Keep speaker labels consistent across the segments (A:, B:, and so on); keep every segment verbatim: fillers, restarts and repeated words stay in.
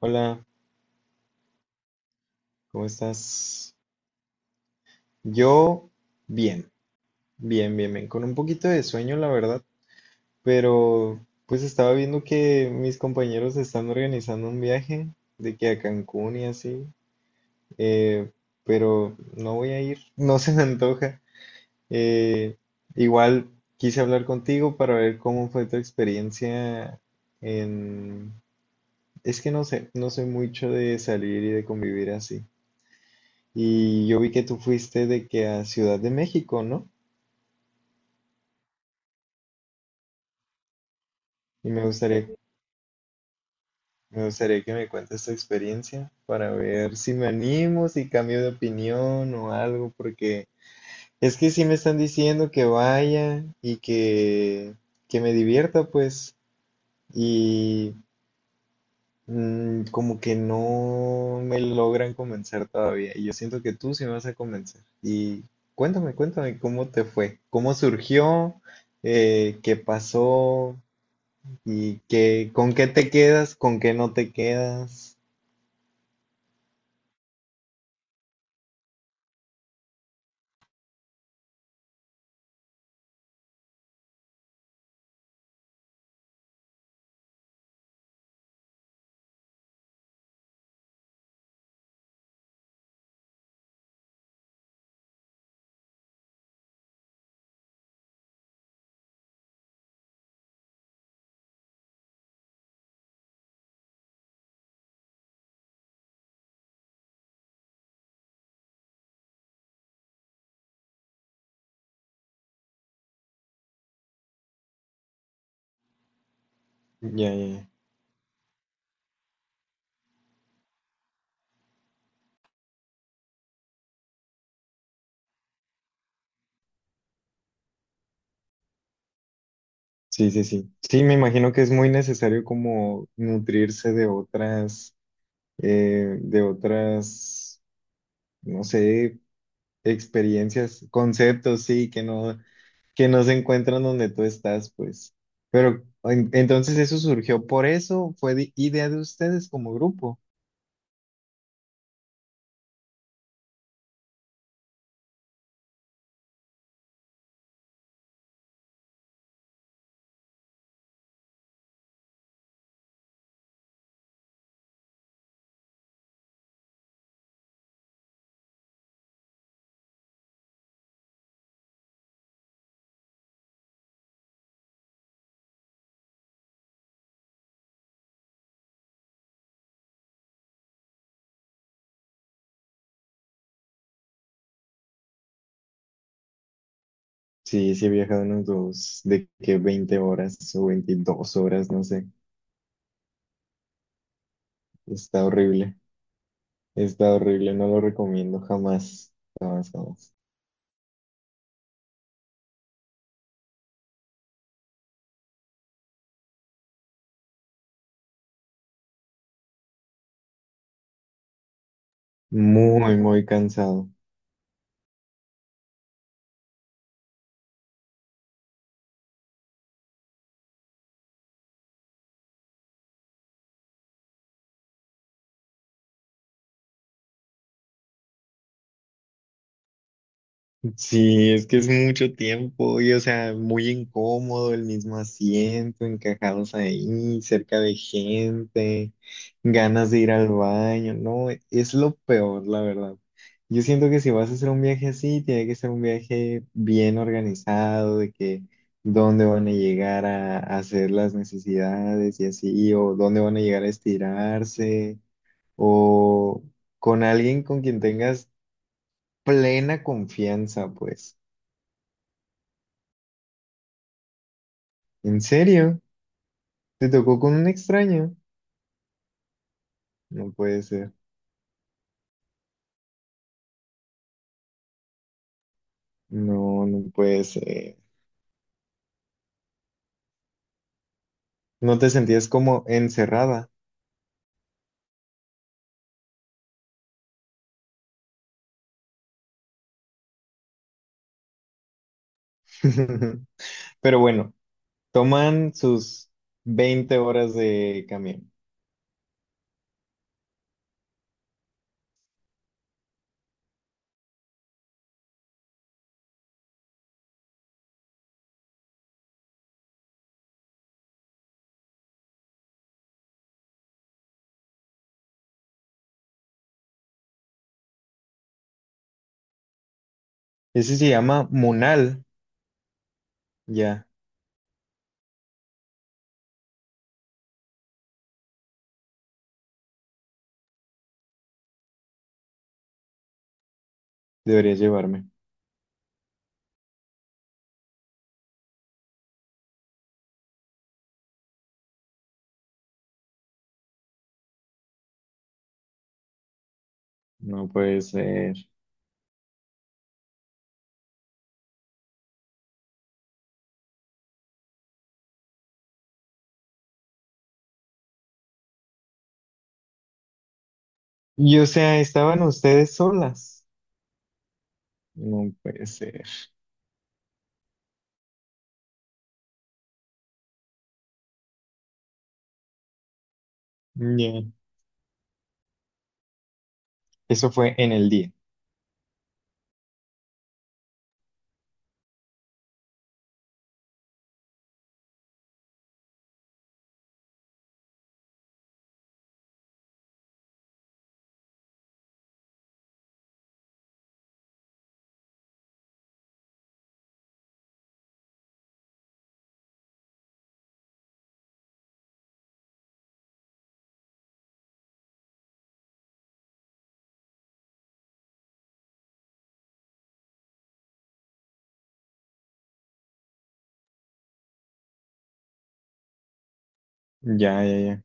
A: Hola, ¿cómo estás? Yo bien, bien, bien, bien, con un poquito de sueño, la verdad, pero pues estaba viendo que mis compañeros están organizando un viaje de que a Cancún y así, eh, pero no voy a ir, no se me antoja. Eh, Igual quise hablar contigo para ver cómo fue tu experiencia en... Es que no sé, no soy mucho de salir y de convivir así. Y yo vi que tú fuiste de que a Ciudad de México, ¿no? Y me gustaría, sí, me gustaría que me cuentes tu experiencia para ver si me animo, si cambio de opinión o algo, porque es que sí me están diciendo que vaya y que, que me divierta, pues, y mm, como que no me logran convencer todavía. Y yo siento que tú sí me vas a convencer. Y cuéntame, cuéntame cómo te fue, cómo surgió, eh, qué pasó. ¿Y qué, con qué te quedas, con qué no te quedas? Ya, ya, ya. Sí, sí, sí. Sí, me imagino que es muy necesario como nutrirse de otras, eh, de otras, no sé, experiencias, conceptos, sí, que no, que no se encuentran donde tú estás, pues. Pero en- entonces eso surgió por eso, fue de- idea de ustedes como grupo. Sí, sí he viajado unos dos, de que veinte horas o veintidós horas, no sé. Está horrible. Está horrible, no lo recomiendo jamás, jamás, jamás. Muy, muy cansado. Sí, es que es mucho tiempo y, o sea, muy incómodo el mismo asiento, encajados ahí, cerca de gente, ganas de ir al baño, no, es lo peor, la verdad. Yo siento que si vas a hacer un viaje así, tiene que ser un viaje bien organizado, de que dónde van a llegar a, a hacer las necesidades y así, o dónde van a llegar a estirarse o con alguien con quien tengas plena confianza, pues. ¿En serio? ¿Te tocó con un extraño? No puede ser. No, no puede ser. ¿No te sentías como encerrada? Pero bueno, toman sus veinte horas de camión. Ese se llama Munal. Ya, deberías llevarme. No puede ser. Y o sea, estaban ustedes solas. No puede ser. Ya. Eso fue en el día. Ya, ya, ya.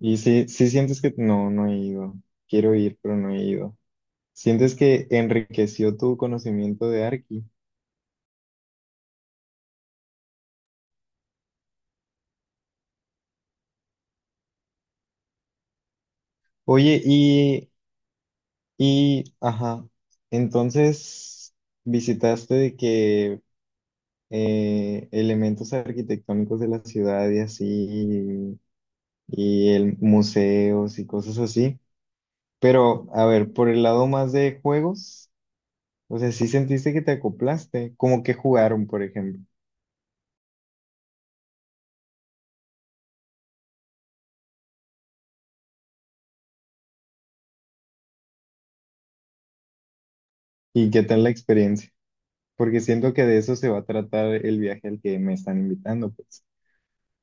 A: Y sí, sí sientes que no, no he ido. Quiero ir, pero no he ido. ¿Sientes que enriqueció tu conocimiento de Arki? Oye, y, y, ajá, entonces visitaste de que eh, elementos arquitectónicos de la ciudad y así, y el museos y cosas así. Pero, a ver, por el lado más de juegos, o sea, sí sentiste que te acoplaste, como que jugaron, por ejemplo. ¿Y qué tal la experiencia? Porque siento que de eso se va a tratar el viaje al que me están invitando, pues.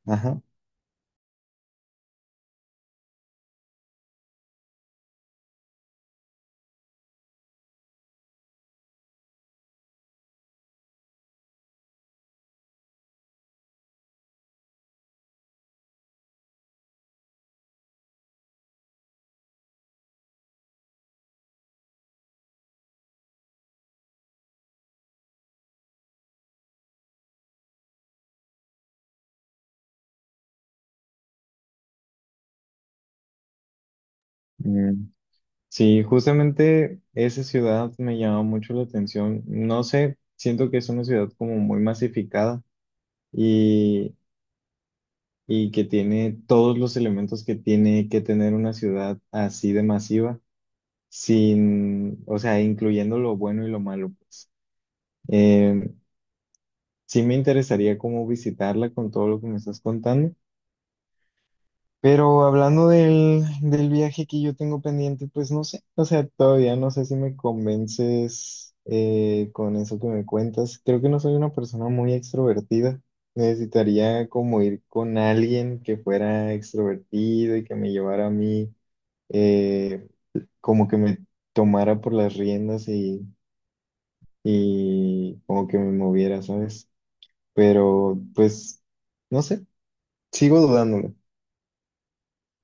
A: Ajá. Mm. Sí, justamente esa ciudad me llama mucho la atención. No sé, siento que es una ciudad como muy masificada y, y que tiene todos los elementos que tiene que tener una ciudad así de masiva, sin, o sea, incluyendo lo bueno y lo malo, pues. Eh, sí me interesaría como visitarla con todo lo que me estás contando. Pero hablando del, del viaje que yo tengo pendiente, pues no sé, o sea, todavía no sé si me convences eh, con eso que me cuentas. Creo que no soy una persona muy extrovertida. Necesitaría como ir con alguien que fuera extrovertido y que me llevara a mí, eh, como que me tomara por las riendas y, y como que me moviera, ¿sabes? Pero pues, no sé, sigo dudándolo.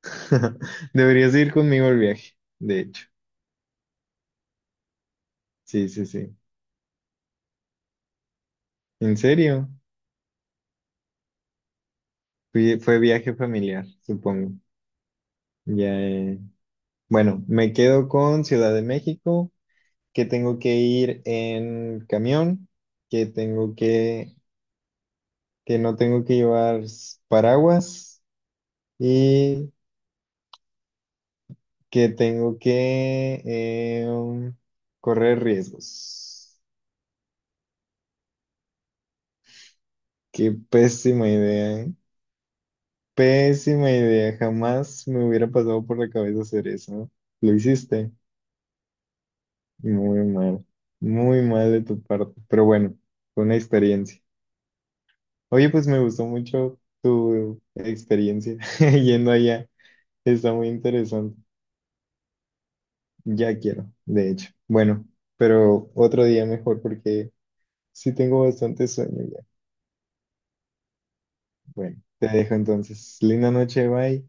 A: Deberías ir conmigo al viaje, de hecho. Sí, sí, sí. ¿En serio? Fui- fue viaje familiar, supongo. Ya, eh, bueno, me quedo con Ciudad de México, que tengo que ir en camión, que tengo que, que no tengo que llevar s- paraguas y que tengo que eh, um, correr riesgos. Qué pésima idea, ¿eh? Pésima idea. Jamás me hubiera pasado por la cabeza hacer eso. ¿Lo hiciste? Muy mal, muy mal de tu parte, pero bueno, fue una experiencia. Oye, pues me gustó mucho tu experiencia yendo allá, está muy interesante. Ya quiero, de hecho. Bueno, pero otro día mejor porque sí tengo bastante sueño ya. Bueno, te dejo entonces. Linda noche, bye.